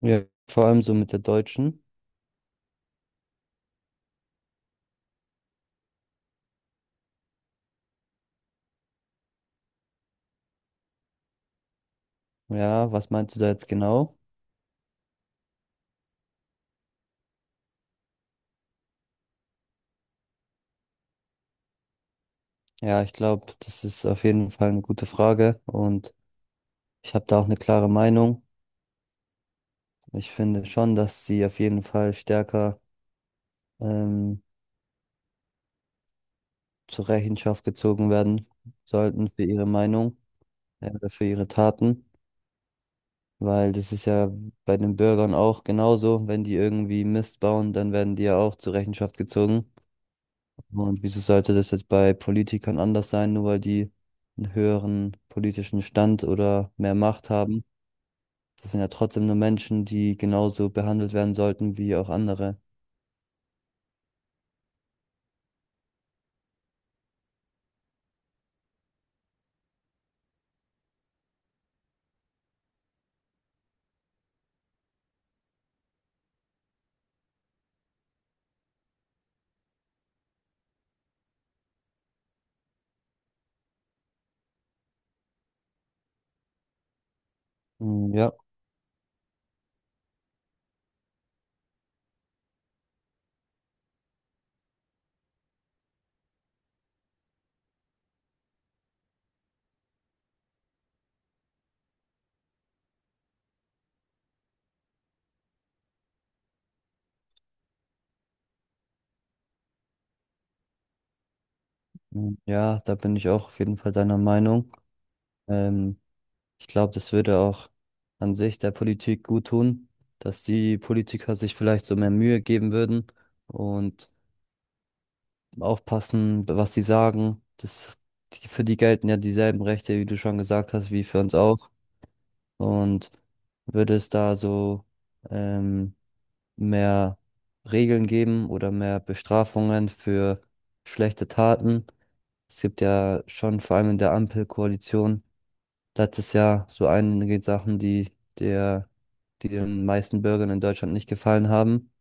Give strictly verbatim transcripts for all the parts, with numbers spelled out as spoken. Ja, vor allem so mit der Deutschen. Ja, was meinst du da jetzt genau? Ja, ich glaube, das ist auf jeden Fall eine gute Frage und ich habe da auch eine klare Meinung. Ich finde schon, dass sie auf jeden Fall stärker ähm, zur Rechenschaft gezogen werden sollten für ihre Meinung, äh, oder für ihre Taten, weil das ist ja bei den Bürgern auch genauso. Wenn die irgendwie Mist bauen, dann werden die ja auch zur Rechenschaft gezogen. Und wieso sollte das jetzt bei Politikern anders sein, nur weil die einen höheren politischen Stand oder mehr Macht haben? Das sind ja trotzdem nur Menschen, die genauso behandelt werden sollten wie auch andere. Mm, ja, mm, ja, da bin ich auch auf jeden Fall deiner Meinung. Ähm, Ich glaube, das würde auch an sich der Politik gut tun, dass die Politiker sich vielleicht so mehr Mühe geben würden und aufpassen, was sie sagen. Das, die, für die gelten ja dieselben Rechte, wie du schon gesagt hast, wie für uns auch. Und würde es da so ähm, mehr Regeln geben oder mehr Bestrafungen für schlechte Taten? Es gibt ja schon vor allem in der Ampelkoalition letztes Jahr so einige Sachen, die der, die den meisten Bürgern in Deutschland nicht gefallen haben.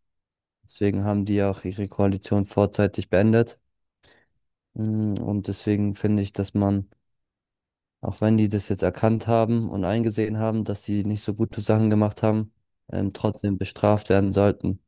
Deswegen haben die auch ihre Koalition vorzeitig beendet. Mm, und deswegen finde ich, dass man, auch wenn die das jetzt erkannt haben und eingesehen haben, dass sie nicht so gute Sachen gemacht haben, ähm, trotzdem bestraft werden sollten.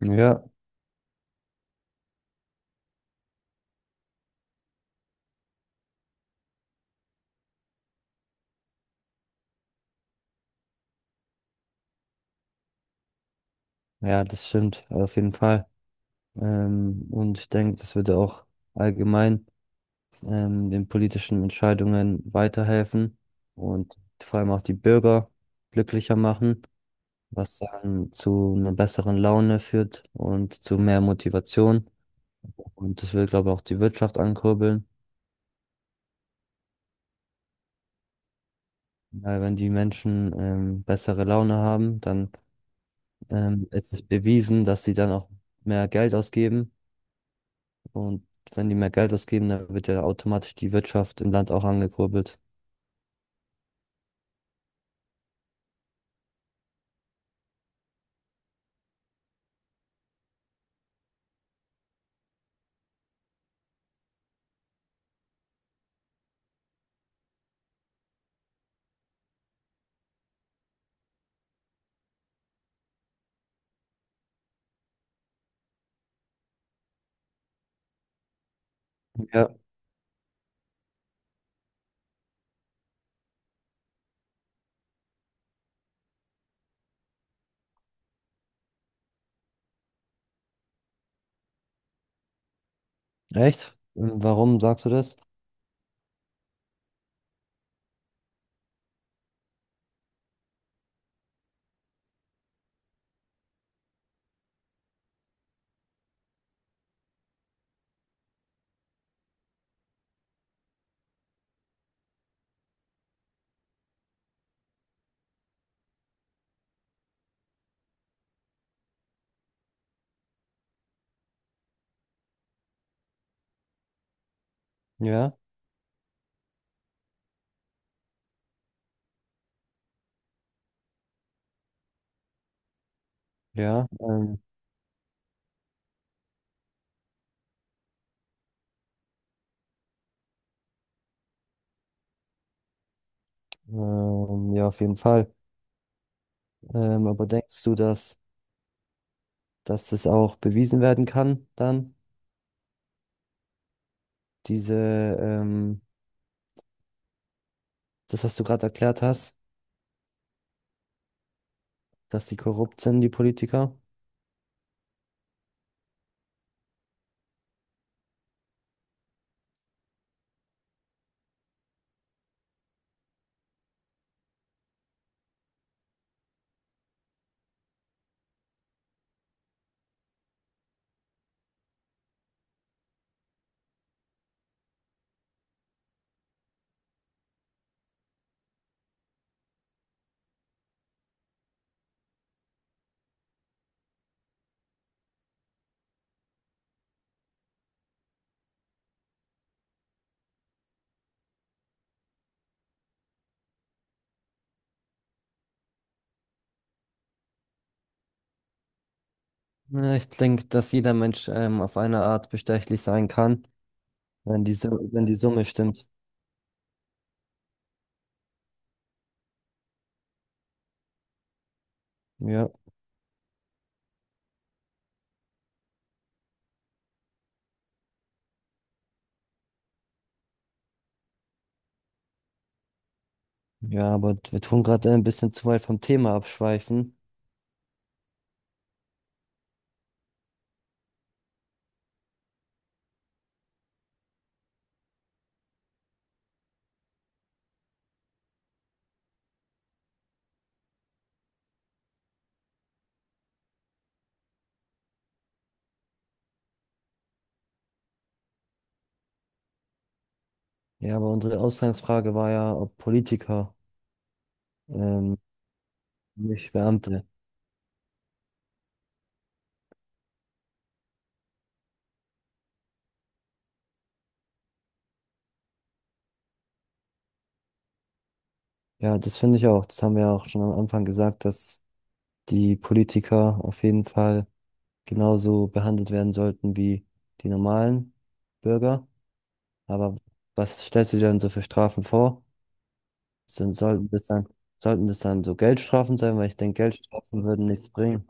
Ja, ja, das stimmt, auf jeden Fall. Ähm, und ich denke, das würde auch allgemein ähm, den politischen Entscheidungen weiterhelfen und vor allem auch die Bürger glücklicher machen, was dann zu einer besseren Laune führt und zu mehr Motivation. Und das will, glaube ich, auch die Wirtschaft ankurbeln. Weil wenn die Menschen ähm, bessere Laune haben, dann ähm, ist es bewiesen, dass sie dann auch mehr Geld ausgeben. Und wenn die mehr Geld ausgeben, dann wird ja automatisch die Wirtschaft im Land auch angekurbelt. Ja. Echt? Ähm, Warum sagst du das? Ja, ja. Ähm, ähm, ja, auf jeden Fall. Ähm, aber denkst du, dass, dass das auch bewiesen werden kann, dann? Diese, ähm, das, was du gerade erklärt hast, dass die korrupt sind, die Politiker? Ja, ich denke, dass jeder Mensch ähm, auf eine Art bestechlich sein kann, wenn die, Su- wenn die Summe stimmt. Ja, ja, aber wir tun gerade ein bisschen zu weit vom Thema abschweifen. Ja, aber unsere Ausgangsfrage war ja, ob Politiker, ähm, nicht Beamte. Ja, das finde ich auch. Das haben wir auch schon am Anfang gesagt, dass die Politiker auf jeden Fall genauso behandelt werden sollten wie die normalen Bürger. Aber was stellst du dir denn so für Strafen vor? Sind, sollten das dann, sollten das dann so Geldstrafen sein, weil ich denke, Geldstrafen würden nichts bringen.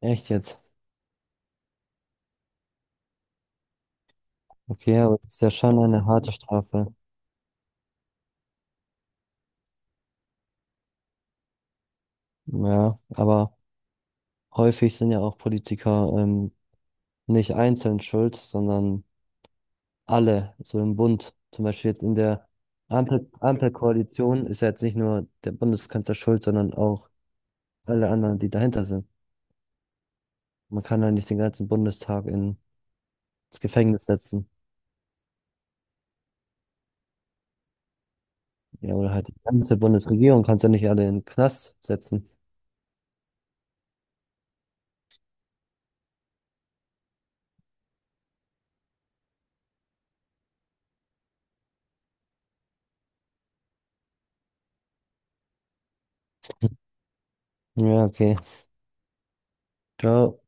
Echt jetzt? Okay, aber das ist ja schon eine harte Strafe. Ja, aber häufig sind ja auch Politiker ähm, nicht einzeln schuld, sondern alle, so im Bund. Zum Beispiel jetzt in der Ampel, Ampelkoalition ist ja jetzt nicht nur der Bundeskanzler schuld, sondern auch alle anderen, die dahinter sind. Man kann ja nicht den ganzen Bundestag in, ins Gefängnis setzen. Ja, oder halt die ganze Bundesregierung kannst du ja nicht alle in den Knast setzen. Ja, okay. Ciao.